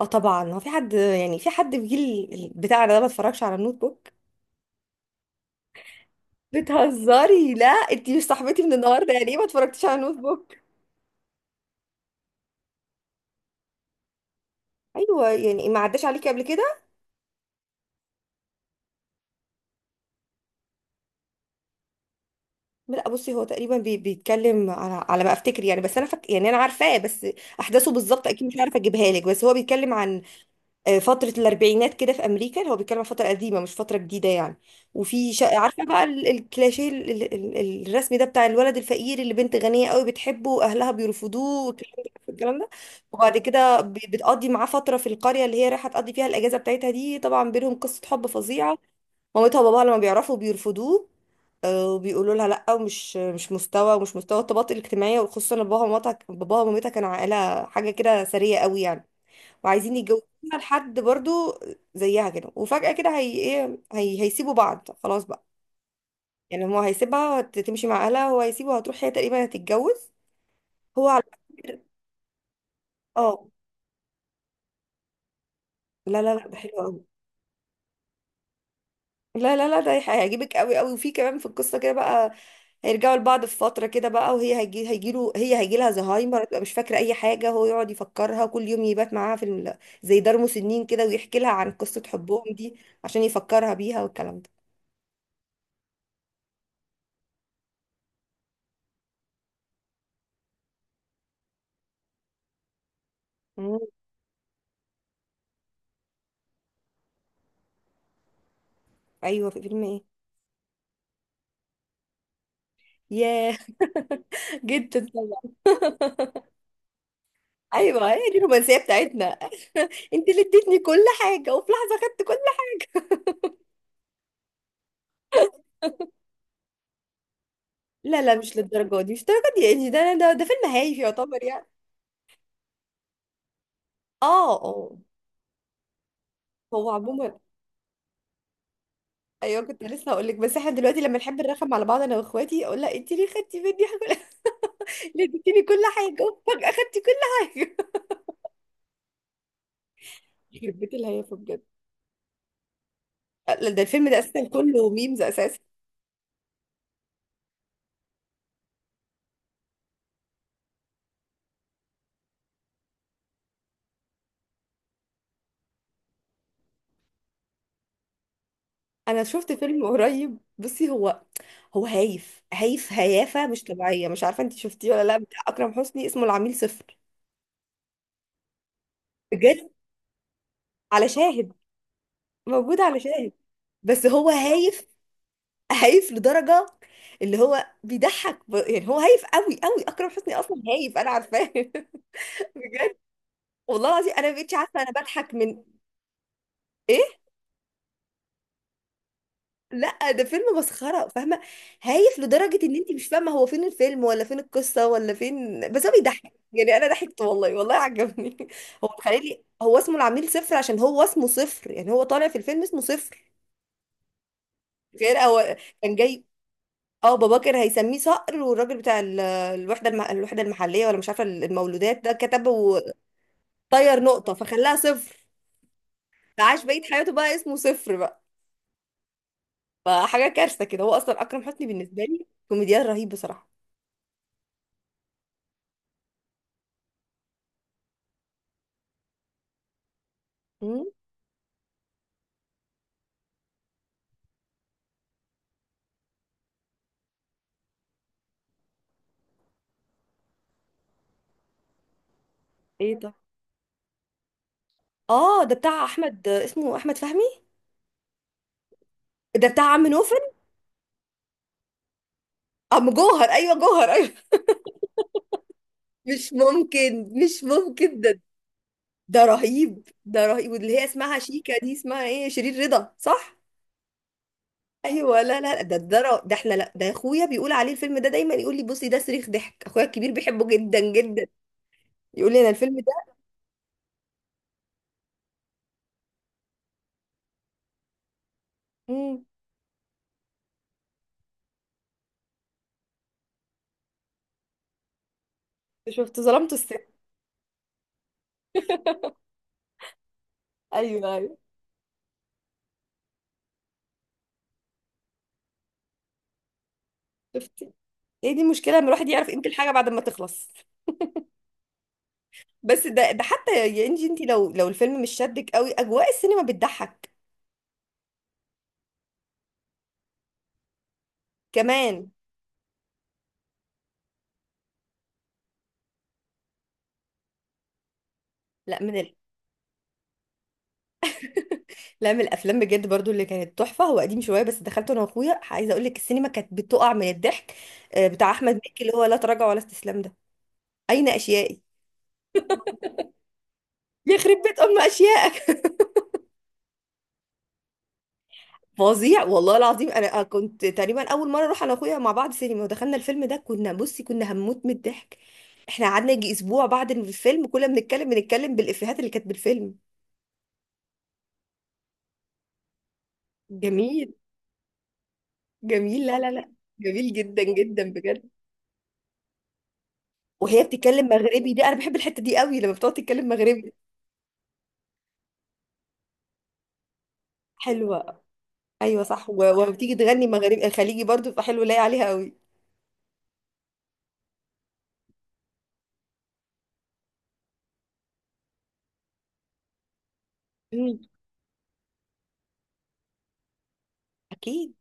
اه، طبعا هو في حد في جيل بتاعنا ده ما اتفرجش على النوت بوك. بتهزري؟ لا، انت مش صاحبتي من النهارده. يعني ايه ما اتفرجتيش على النوت بوك؟ ايوه، يعني ما عداش عليكي قبل كده. لا بصي، هو تقريبا بيتكلم على ما افتكر يعني، بس يعني انا عارفاه، بس احداثه بالظبط اكيد مش عارفه اجيبها لك. بس هو بيتكلم عن فترة الأربعينات كده في أمريكا. هو بيتكلم عن فترة قديمة مش فترة جديدة يعني. عارفة بقى الكلاشيه، الرسم ده بتاع الولد الفقير اللي بنت غنية قوي بتحبه وأهلها بيرفضوه والكلام ده الكلام ده. وبعد كده بتقضي معاه فترة في القرية اللي هي رايحة تقضي فيها الأجازة بتاعتها دي. طبعا بينهم قصة حب فظيعة. مامتها وباباها لما بيعرفوا بيرفضوه. وبيقولوا لها لا، ومش مش مستوى ومش مستوى الطبقات الاجتماعية، وخصوصا إن باباها ومامتها كانوا عائلة حاجة كده ثرية قوي يعني، وعايزين يتجوزوها لحد برضو زيها كده. وفجأة كده هي ايه، هي هيسيبوا بعض خلاص بقى. يعني هو تمشي مع اهلها، هو هيسيبها، هتروح هي تقريبا هتتجوز. هو على فكرة- اه. لا لا لا، ده حلو قوي. لا لا لا، هيعجبك قوي قوي. وفي كمان في القصة كده بقى، هيرجعوا لبعض في فترة كده بقى. وهي هيجي هيجيله هي هيجي لها زهايمر، هتبقى مش فاكرة أي حاجة. هو يقعد يفكرها كل يوم، يبات معاها في زي دار مسنين كده، ويحكي لها عن قصة حبهم دي عشان يفكرها بيها والكلام ده. مم. أيوه، في فيلم إيه؟ ياه. جدا طبعا. ايوه، هي دي الرومانسيه بتاعتنا انت اللي اديتني كل حاجه، وفي لحظه خدت كل حاجة. لا لا، مش للدرجه دي، مش للدرجه دي يعني. ده فيلم هايف يعتبر يعني. اه اه. هو عموما ايوه. كنت لسه هقول لك، بس احنا دلوقتي لما نحب نرخم على بعض انا واخواتي، اقول لها انت ليه خدتي مني حاجة؟ ليه اديتيني كل حاجه وفجاه خدتي كل حاجه؟ يخرب بيت الهيافه بجد. لا، ده الفيلم ده اساسا كله ميمز اساسا. انا شفت فيلم قريب، بصي، هو هايف، هايف، هيافه مش طبيعيه. مش عارفه انت شفتيه ولا لا، بتاع اكرم حسني، اسمه العميل صفر. بجد، على شاهد. موجود على شاهد. بس هو هايف، هايف لدرجه اللي هو يعني هو هايف قوي قوي. اكرم حسني اصلا هايف، انا عارفاه بجد، والله العظيم انا ما بقتش عارفه انا بضحك من ايه. لا، ده فيلم مسخره، فاهمه؟ هايف لدرجه ان انت مش فاهمه هو فين الفيلم ولا فين القصه ولا فين، بس هو بيضحك. يعني انا ضحكت، والله والله عجبني هو تخيلي، هو اسمه العميل صفر عشان هو اسمه صفر. يعني هو طالع في الفيلم اسمه صفر. غير هو كان جاي. اه بابا كان هيسميه صقر، والراجل بتاع الوحده المحليه ولا مش عارفه المولودات ده، كتب وطير نقطه فخلاها صفر. فعاش بقيه حياته بقى اسمه صفر بقى. فحاجه كارثه كده. هو اصلا اكرم حسني بالنسبه لي كوميديان رهيب بصراحه. مم. ايه؟ اه، ده بتاع احمد، اسمه احمد فهمي. ده بتاع عم نوفل. عم جوهر. ايوه، جوهر ايوه. مش ممكن، مش ممكن ده. ده رهيب، ده رهيب. واللي هي اسمها شيكا دي، اسمها ايه، شيرين رضا صح؟ ايوه، لا لا، ده ده ر- ده احنا لا ده اخويا بيقول عليه الفيلم ده دايما. يقول لي بصي ده صريخ ضحك. اخويا الكبير بيحبه جدا جدا. يقول لي انا الفيلم ده. امم. شفت، ظلمت الست. ايوه ايوه. شفتي، هي دي المشكله، ان الواحد يعرف قيمه الحاجه بعد ما تخلص. بس ده ده حتى، يا انجي انت، لو لو الفيلم مش شدك قوي، اجواء السينما بتضحك كمان. لا من ال... لا، من الافلام بجد برضو اللي كانت تحفه، هو قديم شويه، بس دخلته انا واخويا. عايزه اقول لك السينما كانت بتقع من الضحك. بتاع احمد مكي، اللي هو لا تراجع ولا استسلام ده، اين اشيائي. يخرب بيت ام اشيائك فظيع، والله العظيم انا كنت تقريبا اول مره اروح انا واخويا مع بعض سينما، ودخلنا الفيلم ده كنا، بصي، كنا هنموت من الضحك. احنا قعدنا يجي اسبوع بعد الفيلم كنا بنتكلم بالافيهات اللي كانت بالفيلم. جميل، جميل. لا لا لا، جميل جدا جدا بجد. وهي بتتكلم مغربي دي، انا بحب الحته دي قوي لما بتقعد تتكلم مغربي. حلوه. ايوه صح، وبتيجي تغني مغربي خليجي برضو، فحلو لاقي عليها قوي. مم. اكيد.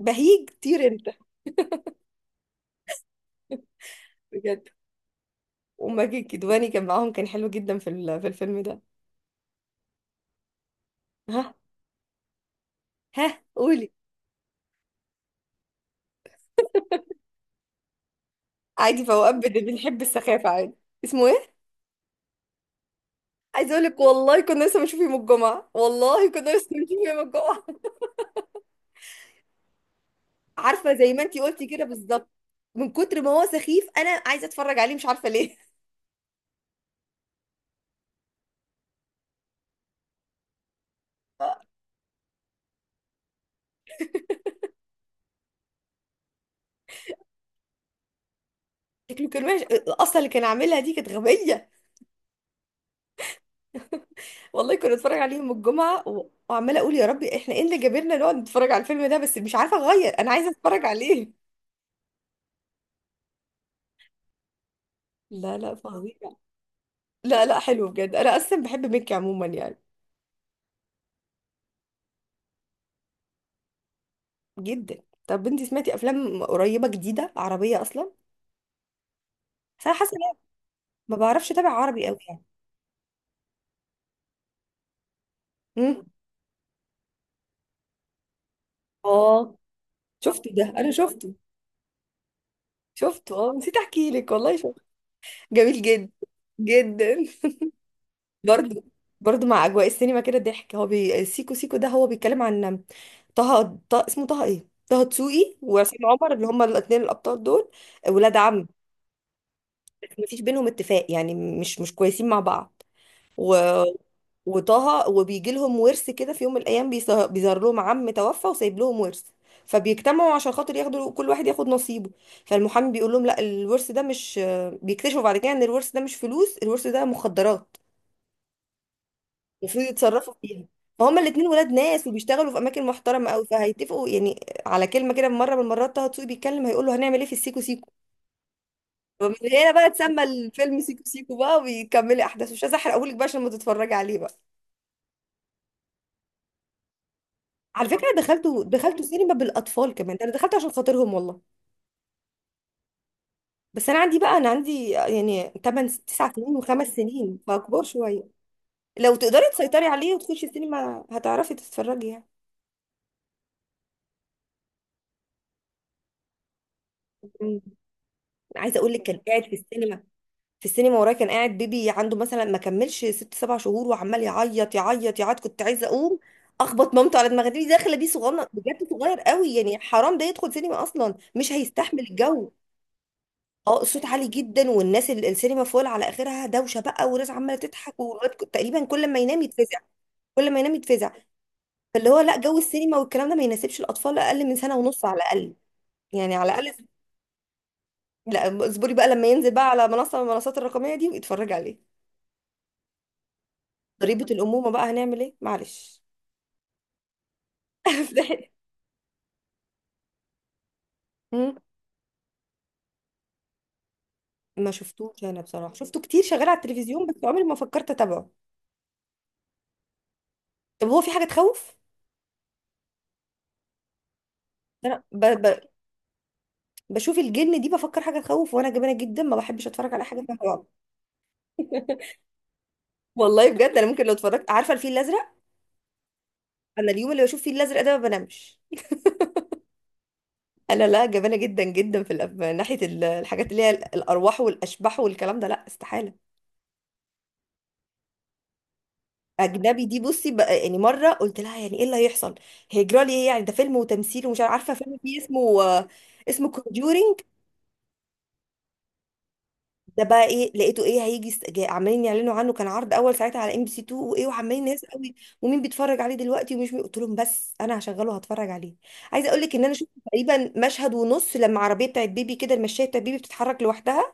بهيج كتير انت. بجد. وماجد الكدواني كان معاهم، كان حلو جدا في في الفيلم ده. ها. ها، قولي. عادي، فوقات بنحب السخافه عادي. اسمه ايه؟ عايزه اقول لك، والله كنا لسه بنشوف يوم الجمعه، والله كنا لسه بنشوف يوم الجمعه. عارفه زي ما انتي قلتي كده بالظبط. من كتر ما هو سخيف انا عايزه اتفرج عليه، مش عارفه ليه. شكله كان وحش. الاصل اللي كان عاملها دي كانت غبيه. والله كنا نتفرج عليه يوم الجمعه وعماله اقول يا ربي، احنا ايه اللي جابرنا نقعد نتفرج على الفيلم ده؟ بس مش عارفه اغير، انا عايزه اتفرج عليه. لا لا، فظيع. لا لا، حلو بجد. انا اصلا بحب ميكي عموما يعني. جدا. طب انتي سمعتي افلام قريبه جديده عربيه اصلا؟ بس انا حاسه إن أنا ما بعرفش اتابع عربي قوي يعني. امم. اه، شفته، ده انا شفته. شفته اه، نسيت احكي لك، والله شفته. جميل جدا جدا. برضو، برضو، مع اجواء السينما كده ضحك. هو سيكو سيكو ده هو بيتكلم عن اسمه طه، ايه، طه دسوقي وعصام عمر، اللي هما الاثنين الابطال دول. ولاد عم، بس مفيش بينهم اتفاق يعني. مش كويسين مع بعض. و... وطه وبيجي لهم ورث كده. في يوم من الايام بيظهر لهم عم توفى وسايب لهم ورث. فبيجتمعوا عشان خاطر ياخدوا، كل واحد ياخد نصيبه. فالمحامي بيقول لهم لا، الورث ده مش، بيكتشفوا بعد كده ان الورث ده مش فلوس، الورث ده مخدرات المفروض يتصرفوا فيها. فهما الاتنين ولاد ناس وبيشتغلوا في اماكن محترمه قوي، فهيتفقوا يعني على كلمه كده. مره من المرات طه دسوقي بيتكلم هيقول له هنعمل ايه في السيكو سيكو؟ فمن هنا بقى اتسمى الفيلم سيكو سيكو بقى. وبيكملي احداثه، مش عايزه احرقهولك بقى عشان ما تتفرجي عليه بقى. على فكرة دخلته سينما بالأطفال كمان. ده أنا دخلت عشان خاطرهم والله. بس أنا عندي بقى، أنا عندي يعني 8 9 سنين وخمس سنين، فكبار شوية. لو تقدري تسيطري عليه وتخشي السينما هتعرفي تتفرجي يعني. مم. عايزة أقول لك، كان قاعد في السينما في السينما ورايا كان قاعد بيبي عنده مثلا ما كملش 6 7 شهور، وعمال يعيط يعيط يعيط. كنت عايزة أقوم أخبط مامته على دماغي دي، داخلة بيه صغنن بجد، صغير قوي يعني. حرام ده يدخل سينما أصلا، مش هيستحمل الجو. اه، الصوت عالي جدا، والناس السينما فول على اخرها، دوشه بقى، وناس عماله تضحك، والواد تقريبا كل ما ينام يتفزع، كل ما ينام يتفزع. فاللي هو لا، جو السينما والكلام ده ما يناسبش الاطفال اقل من سنه ونص على الاقل. يعني على الاقل. لا اصبري بقى لما ينزل بقى على منصه من المنصات الرقميه دي ويتفرج عليه. ضريبه الامومه بقى، هنعمل ايه معلش. مم. ما شفتوش، انا بصراحه شفته كتير شغال على التلفزيون، بس عمري ما فكرت اتابعه. طب هو في حاجه تخوف؟ انا بشوف الجن دي بفكر حاجه تخوف، وانا جبانه جدا ما بحبش اتفرج على حاجه فيها رعب. والله بجد انا ممكن لو اتفرجت، عارفه الفيل الازرق؟ انا اليوم اللي بشوف فيه الازرق ده ما بنامش. انا لا، جبانه جدا جدا في ناحيه الحاجات اللي هي الارواح والاشباح والكلام ده، لا استحاله. اجنبي دي بصي بقى. يعني مره قلت لها يعني ايه اللي هيحصل، هيجرى لي ايه؟ يعني ده فيلم وتمثيل ومش عارفه. فيلم فيه اسمه اسمه Conjuring. ده بقى ايه، لقيته ايه، عمالين يعلنوا عنه. كان عرض اول ساعتها على ام بي سي 2، وايه، وعمالين ناس قوي. ومين بيتفرج عليه دلوقتي ومش مين. قلت لهم بس انا هشغله هتفرج عليه. عايزه اقول لك ان انا شفت تقريبا مشهد ونص لما عربيه بتاعت بيبي كده، المشايه بتاعت بيبي، بتتحرك لوحدها.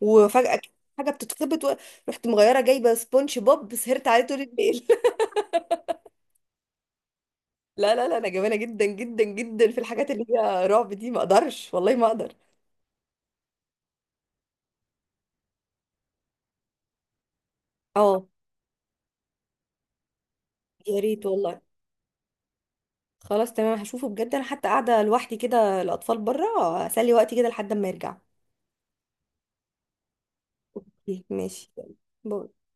وفجاه كده حاجه رحت مغيره، جايبه سبونج بوب سهرت عليه طول الليل. لا لا لا، انا جبانه جدا جدا جدا في الحاجات اللي هي رعب دي، ما اقدرش، والله ما اقدر. اه، يا ريت والله. خلاص تمام، هشوفه بجد. انا حتى قاعده لوحدي كده، الاطفال بره، اسلي وقتي كده لحد ما يرجع. ماشي، يلا، باي.